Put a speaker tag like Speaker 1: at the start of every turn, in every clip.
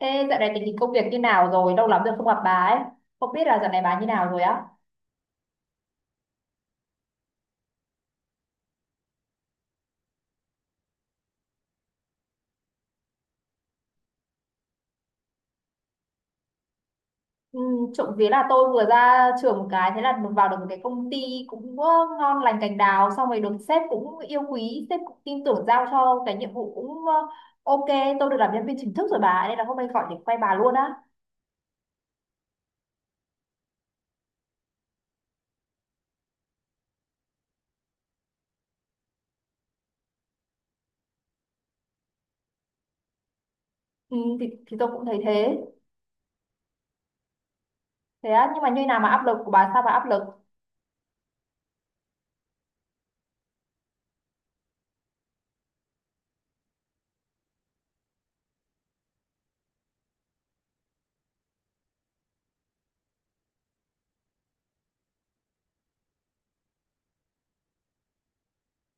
Speaker 1: Thế dạo này tình hình công việc như nào rồi? Lâu lắm rồi không gặp bà ấy. Không biết là dạo này bà như nào rồi á? Ừ, trộm vía là tôi vừa ra trường một cái, thế là vào được một cái công ty cũng ngon lành cành đào. Xong rồi được sếp cũng yêu quý, sếp cũng tin tưởng giao cho cái nhiệm vụ cũng ok. Tôi được làm nhân viên chính thức rồi bà, nên là hôm nay gọi để quay bà luôn á. Ừ, thì tôi cũng thấy thế. Thế á, nhưng mà như nào mà áp lực của bà, sao bà áp lực?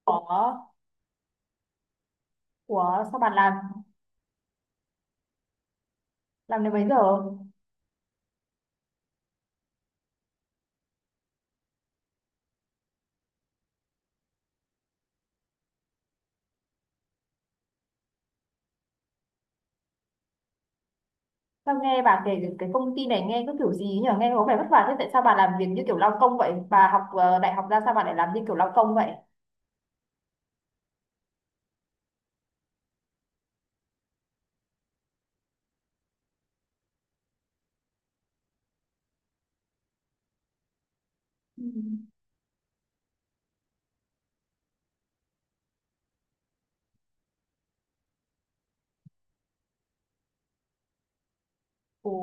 Speaker 1: Của, của sao bà làm? Làm đến mấy giờ? Sao nghe bà kể cái công ty này nghe cứ kiểu gì nhỉ? Nghe có vẻ vất vả thế. Tại sao bà làm việc như kiểu lao công vậy? Bà học đại học ra sao bà lại làm như kiểu lao công vậy? Ừ. Ồ,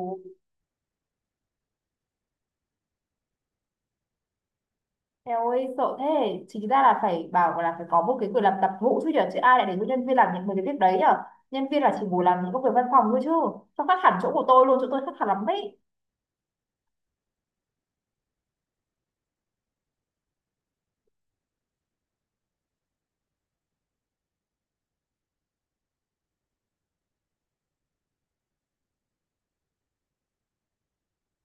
Speaker 1: eo ơi sợ thế. Chính ra là phải bảo là phải có một cái quyền làm tập vụ chứ nhỉ? Chứ ai lại để cho nhân viên làm những mấy cái việc đấy nhở. Nhân viên là chỉ ngồi làm những công việc văn phòng thôi chứ. Sao khác hẳn chỗ của tôi luôn, chỗ tôi khác hẳn lắm đấy.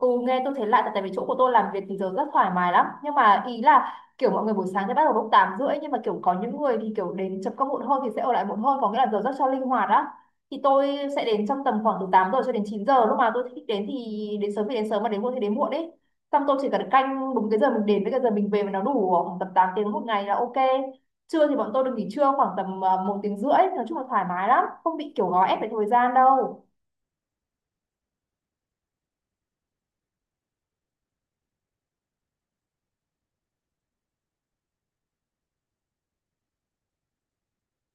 Speaker 1: Ừ, nghe tôi thấy lạ tại tại vì chỗ của tôi làm việc thì giờ rất thoải mái lắm, nhưng mà ý là kiểu mọi người buổi sáng thì bắt đầu lúc 8 rưỡi, nhưng mà kiểu có những người thì kiểu đến chấm công muộn hơn thì sẽ ở lại muộn hơn, có nghĩa là giờ rất cho linh hoạt á. Thì tôi sẽ đến trong tầm khoảng từ 8 giờ cho đến 9 giờ, lúc mà tôi thích đến thì đến, sớm thì đến sớm mà đến muộn thì đến muộn ấy. Xong tôi chỉ cần canh đúng cái giờ mình đến với cái giờ mình về mà nó đủ khoảng tầm 8 tiếng một ngày là ok. Trưa thì bọn tôi được nghỉ trưa khoảng tầm một tiếng rưỡi, nói chung là thoải mái lắm, không bị kiểu gò ép về thời gian đâu.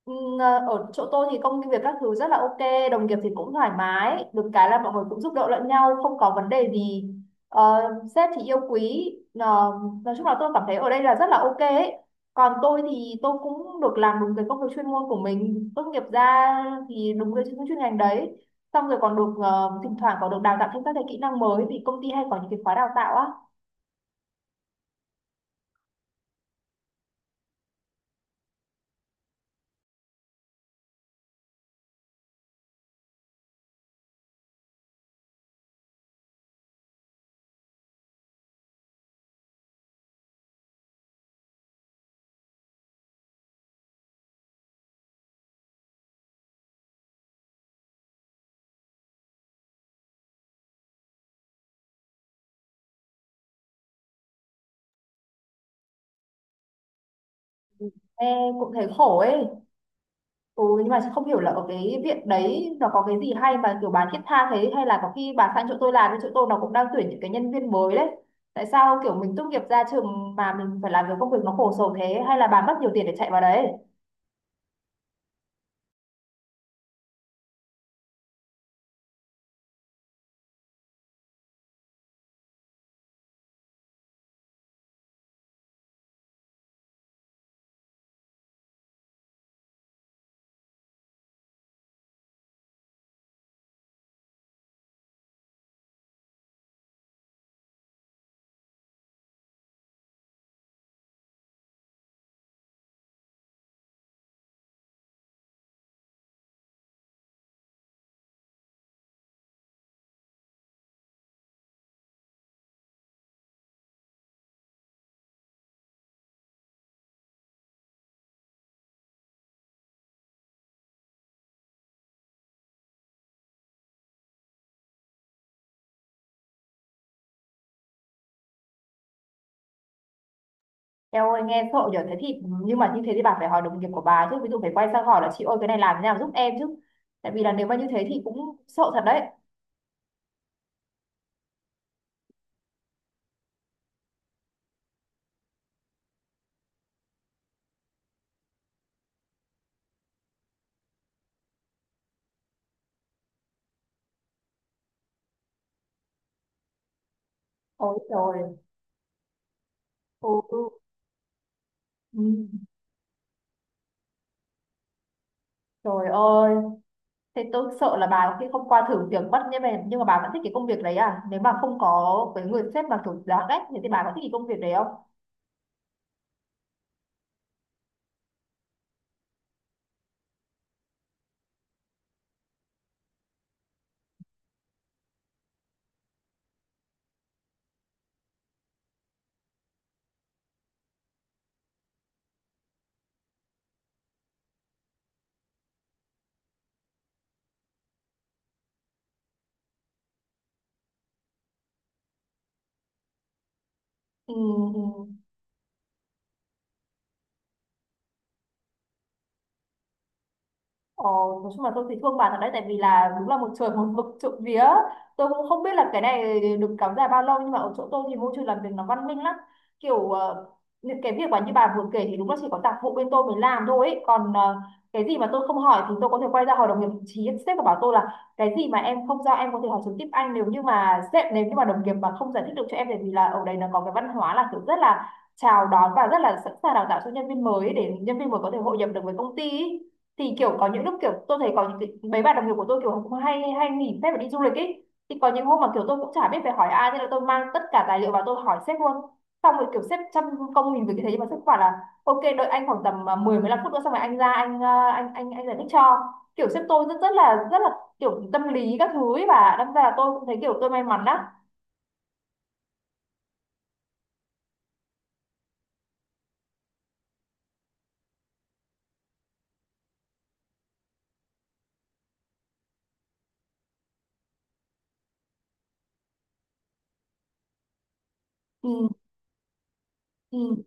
Speaker 1: Ừ, ở chỗ tôi thì công việc các thứ rất là ok, đồng nghiệp thì cũng thoải mái, được cái là mọi người cũng giúp đỡ lẫn nhau, không có vấn đề gì. Ờ, Sếp thì yêu quý, Ờ, nói chung là tôi cảm thấy ở đây là rất là ok ấy. Còn tôi thì tôi cũng được làm đúng cái công việc chuyên môn của mình, tốt nghiệp ra thì đúng cái chuyên chuyên ngành đấy. Xong rồi còn được thỉnh thoảng còn được đào tạo thêm các cái kỹ năng mới vì công ty hay có những cái khóa đào tạo á. Ê, cũng thấy khổ ấy. Ừ, nhưng mà không hiểu là ở cái viện đấy nó có cái gì hay mà kiểu bà thiết tha thế, hay là có khi bà sang chỗ tôi làm, thì chỗ tôi nó cũng đang tuyển những cái nhân viên mới đấy. Tại sao kiểu mình tốt nghiệp ra trường mà mình phải làm cái công việc nó khổ sở thế, hay là bà mất nhiều tiền để chạy vào đấy? Eo ơi nghe sợ nhở, thế thì nhưng mà như thế thì bà phải hỏi đồng nghiệp của bà chứ, ví dụ phải quay sang hỏi là chị ơi cái này làm thế nào giúp em chứ. Tại vì là nếu mà như thế thì cũng sợ thật đấy. Ôi trời. Ừ. Ừ. Trời ơi. Thế tôi sợ là bà có khi không qua thử việc bắt như vậy, nhưng mà bà vẫn thích cái công việc đấy à? Nếu mà không có cái người sếp mà kiểu đáng ghét thì bà có thích cái công việc đấy không? Ừ, ừ. Ừ. Ờ, nói chung là tôi thấy thương bà thật đấy, tại vì là đúng là một trời một vực. Trộm vía tôi cũng không biết là cái này được kéo dài bao lâu, nhưng mà ở chỗ tôi thì môi trường làm việc nó văn minh lắm, kiểu những cái việc mà như bà vừa kể thì đúng là chỉ có tạp vụ bên tôi mới làm thôi ấy. Còn cái gì mà tôi không hỏi thì tôi có thể quay ra hỏi đồng nghiệp, chí sếp và bảo tôi là cái gì mà em không giao em có thể hỏi trực tiếp anh, nếu như mà sếp, nếu như mà đồng nghiệp mà không giải thích được cho em, tại vì là ở đây nó có cái văn hóa là kiểu rất là chào đón và rất là sẵn sàng đào tạo cho nhân viên mới để nhân viên mới có thể hội nhập được với công ty ý. Thì kiểu có những lúc kiểu tôi thấy có những cái, mấy bạn đồng nghiệp của tôi kiểu cũng hay hay nghỉ phép và đi du lịch ấy, thì có những hôm mà kiểu tôi cũng chả biết phải hỏi ai nên là tôi mang tất cả tài liệu vào tôi hỏi sếp luôn. Xong rồi kiểu sếp trăm công nghìn việc như thế, nhưng mà sếp bảo là ok đợi anh khoảng tầm 10 15 phút nữa xong rồi anh ra anh giải thích cho. Kiểu sếp tôi rất rất là kiểu tâm lý các thứ ấy, và đâm ra là tôi cũng thấy kiểu tôi may mắn đó. Ừ. Ừ.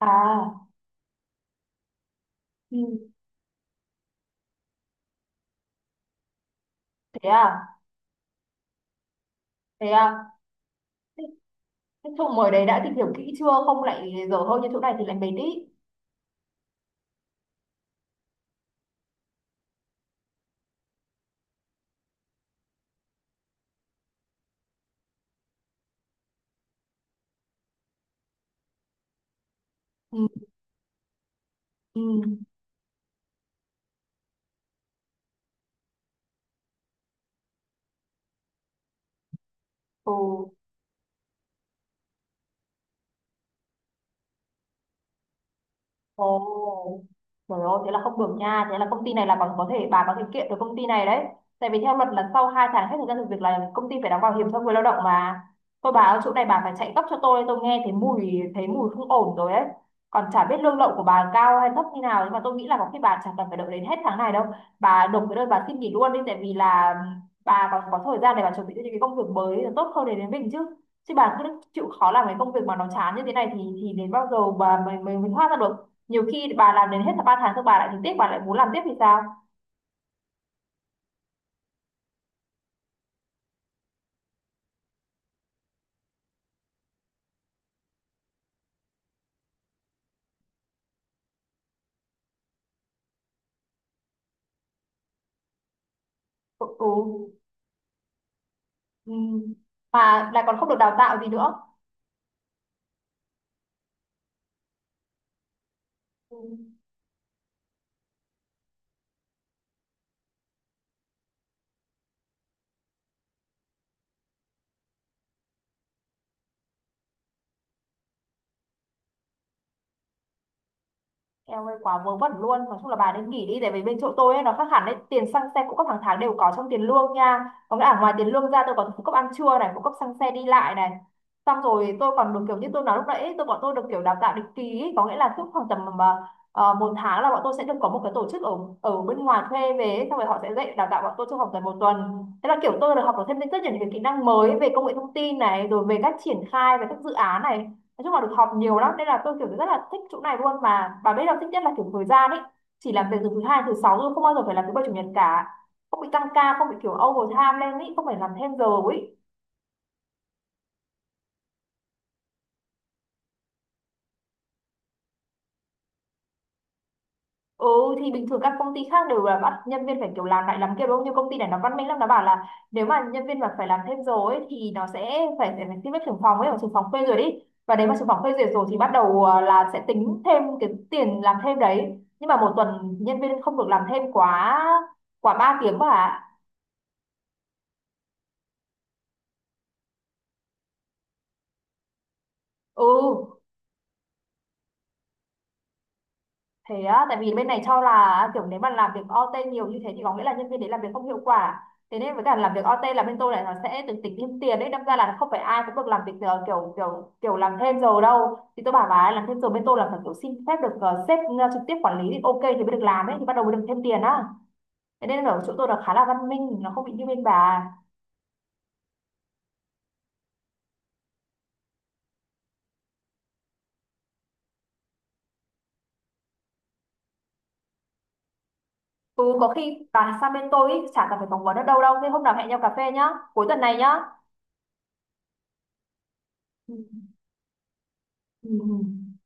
Speaker 1: À. Ừ. Thế à thế à cái chỗ mời đấy đã tìm hiểu kỹ chưa, không lại dở hơi như chỗ này thì lại mệt ý. Ừ. Ừ. Ừ, Ồ, trời ơi, thế là không được nha. Thế là công ty này là bằng có thể bà có thể kiện được công ty này đấy. Tại vì theo luật là sau 2 tháng hết thời gian thực việc là công ty phải đóng bảo hiểm cho người lao động mà. Thôi bà ở chỗ này bà phải chạy gấp cho tôi nghe thấy mùi không ổn rồi đấy. Còn chả biết lương lậu của bà cao hay thấp như nào, nhưng mà tôi nghĩ là có khi bà chẳng cần phải đợi đến hết tháng này đâu. Bà nộp cái đơn bà xin nghỉ luôn đi, tại vì là bà còn có thời gian để bà chuẩn bị cho những cái công việc mới là tốt hơn để đến mình chứ. Chứ bà cứ chịu khó làm cái công việc mà nó chán như thế này thì đến bao giờ bà mình thoát ra được. Nhiều khi bà làm đến hết là ba tháng rồi bà lại thấy tiếc bà lại muốn làm tiếp thì sao. Ừ. Ừ. Mà lại còn không được đào tạo gì nữa. Ừ. Eo ơi quá vớ vẩn luôn. Nói chung là bà nên nghỉ đi. Tại vì bên chỗ tôi ấy, nó khác hẳn đấy. Tiền xăng xe phụ cấp hàng tháng đều có trong tiền lương nha. Có nghĩa là ngoài tiền lương ra tôi còn phụ cấp ăn trưa này, phụ cấp xăng xe đi lại này. Xong rồi tôi còn được kiểu như tôi nói lúc nãy ấy, bọn tôi được kiểu đào tạo định kỳ ấy. Có nghĩa là cứ khoảng tầm một tháng là bọn tôi sẽ được có một cái tổ chức ở ở bên ngoài thuê về ấy. Xong rồi họ sẽ dạy đào tạo bọn tôi trong vòng tầm một tuần. Thế là kiểu tôi được học được thêm rất nhiều những cái kỹ năng mới. Về công nghệ thông tin này, rồi về cách triển khai, về các dự án này, nói chung là được học nhiều lắm nên là tôi kiểu rất là thích chỗ này luôn. Mà bà biết đâu thích nhất là kiểu thời gian ấy, chỉ làm việc từ thứ hai thứ sáu thôi, không bao giờ phải làm thứ bảy chủ nhật cả, không bị tăng ca, không bị kiểu overtime lên ấy, không phải làm thêm giờ ấy. Ừ, thì bình thường các công ty khác đều là bắt nhân viên phải kiểu làm lại làm kia đúng không? Nhưng công ty này nó văn minh lắm, nó bảo là nếu mà nhân viên mà phải làm thêm giờ ấy thì nó sẽ phải phải phải xin phép trưởng phòng ấy, hoặc trưởng phòng phê duyệt đi. Và nếu mà trưởng phòng phê duyệt rồi thì bắt đầu là sẽ tính thêm cái tiền làm thêm đấy. Nhưng mà một tuần nhân viên không được làm thêm quá quá 3 tiếng mà. Ừ thế á, tại vì bên này cho là kiểu nếu mà làm việc OT nhiều như thế thì có nghĩa là nhân viên đấy làm việc không hiệu quả. Thế nên với cả làm việc OT là bên tôi là nó sẽ được tính thêm tiền đấy, đâm ra là không phải ai cũng được làm việc ờ, kiểu kiểu kiểu làm thêm giờ đâu. Thì tôi bảo bà ấy làm thêm giờ bên tôi là phải kiểu xin phép được sếp trực tiếp quản lý thì ok thì mới được làm ấy, thì bắt đầu mới được thêm tiền á. Thế nên ở chỗ tôi là khá là văn minh, nó không bị như bên bà. Ừ, có khi bà sang bên tôi ý, chả cần phải phỏng vấn ở đâu đâu, thế hôm nào hẹn nhau cà phê nhá, cuối tuần này nhá. Ừ. Ừ. Ừ.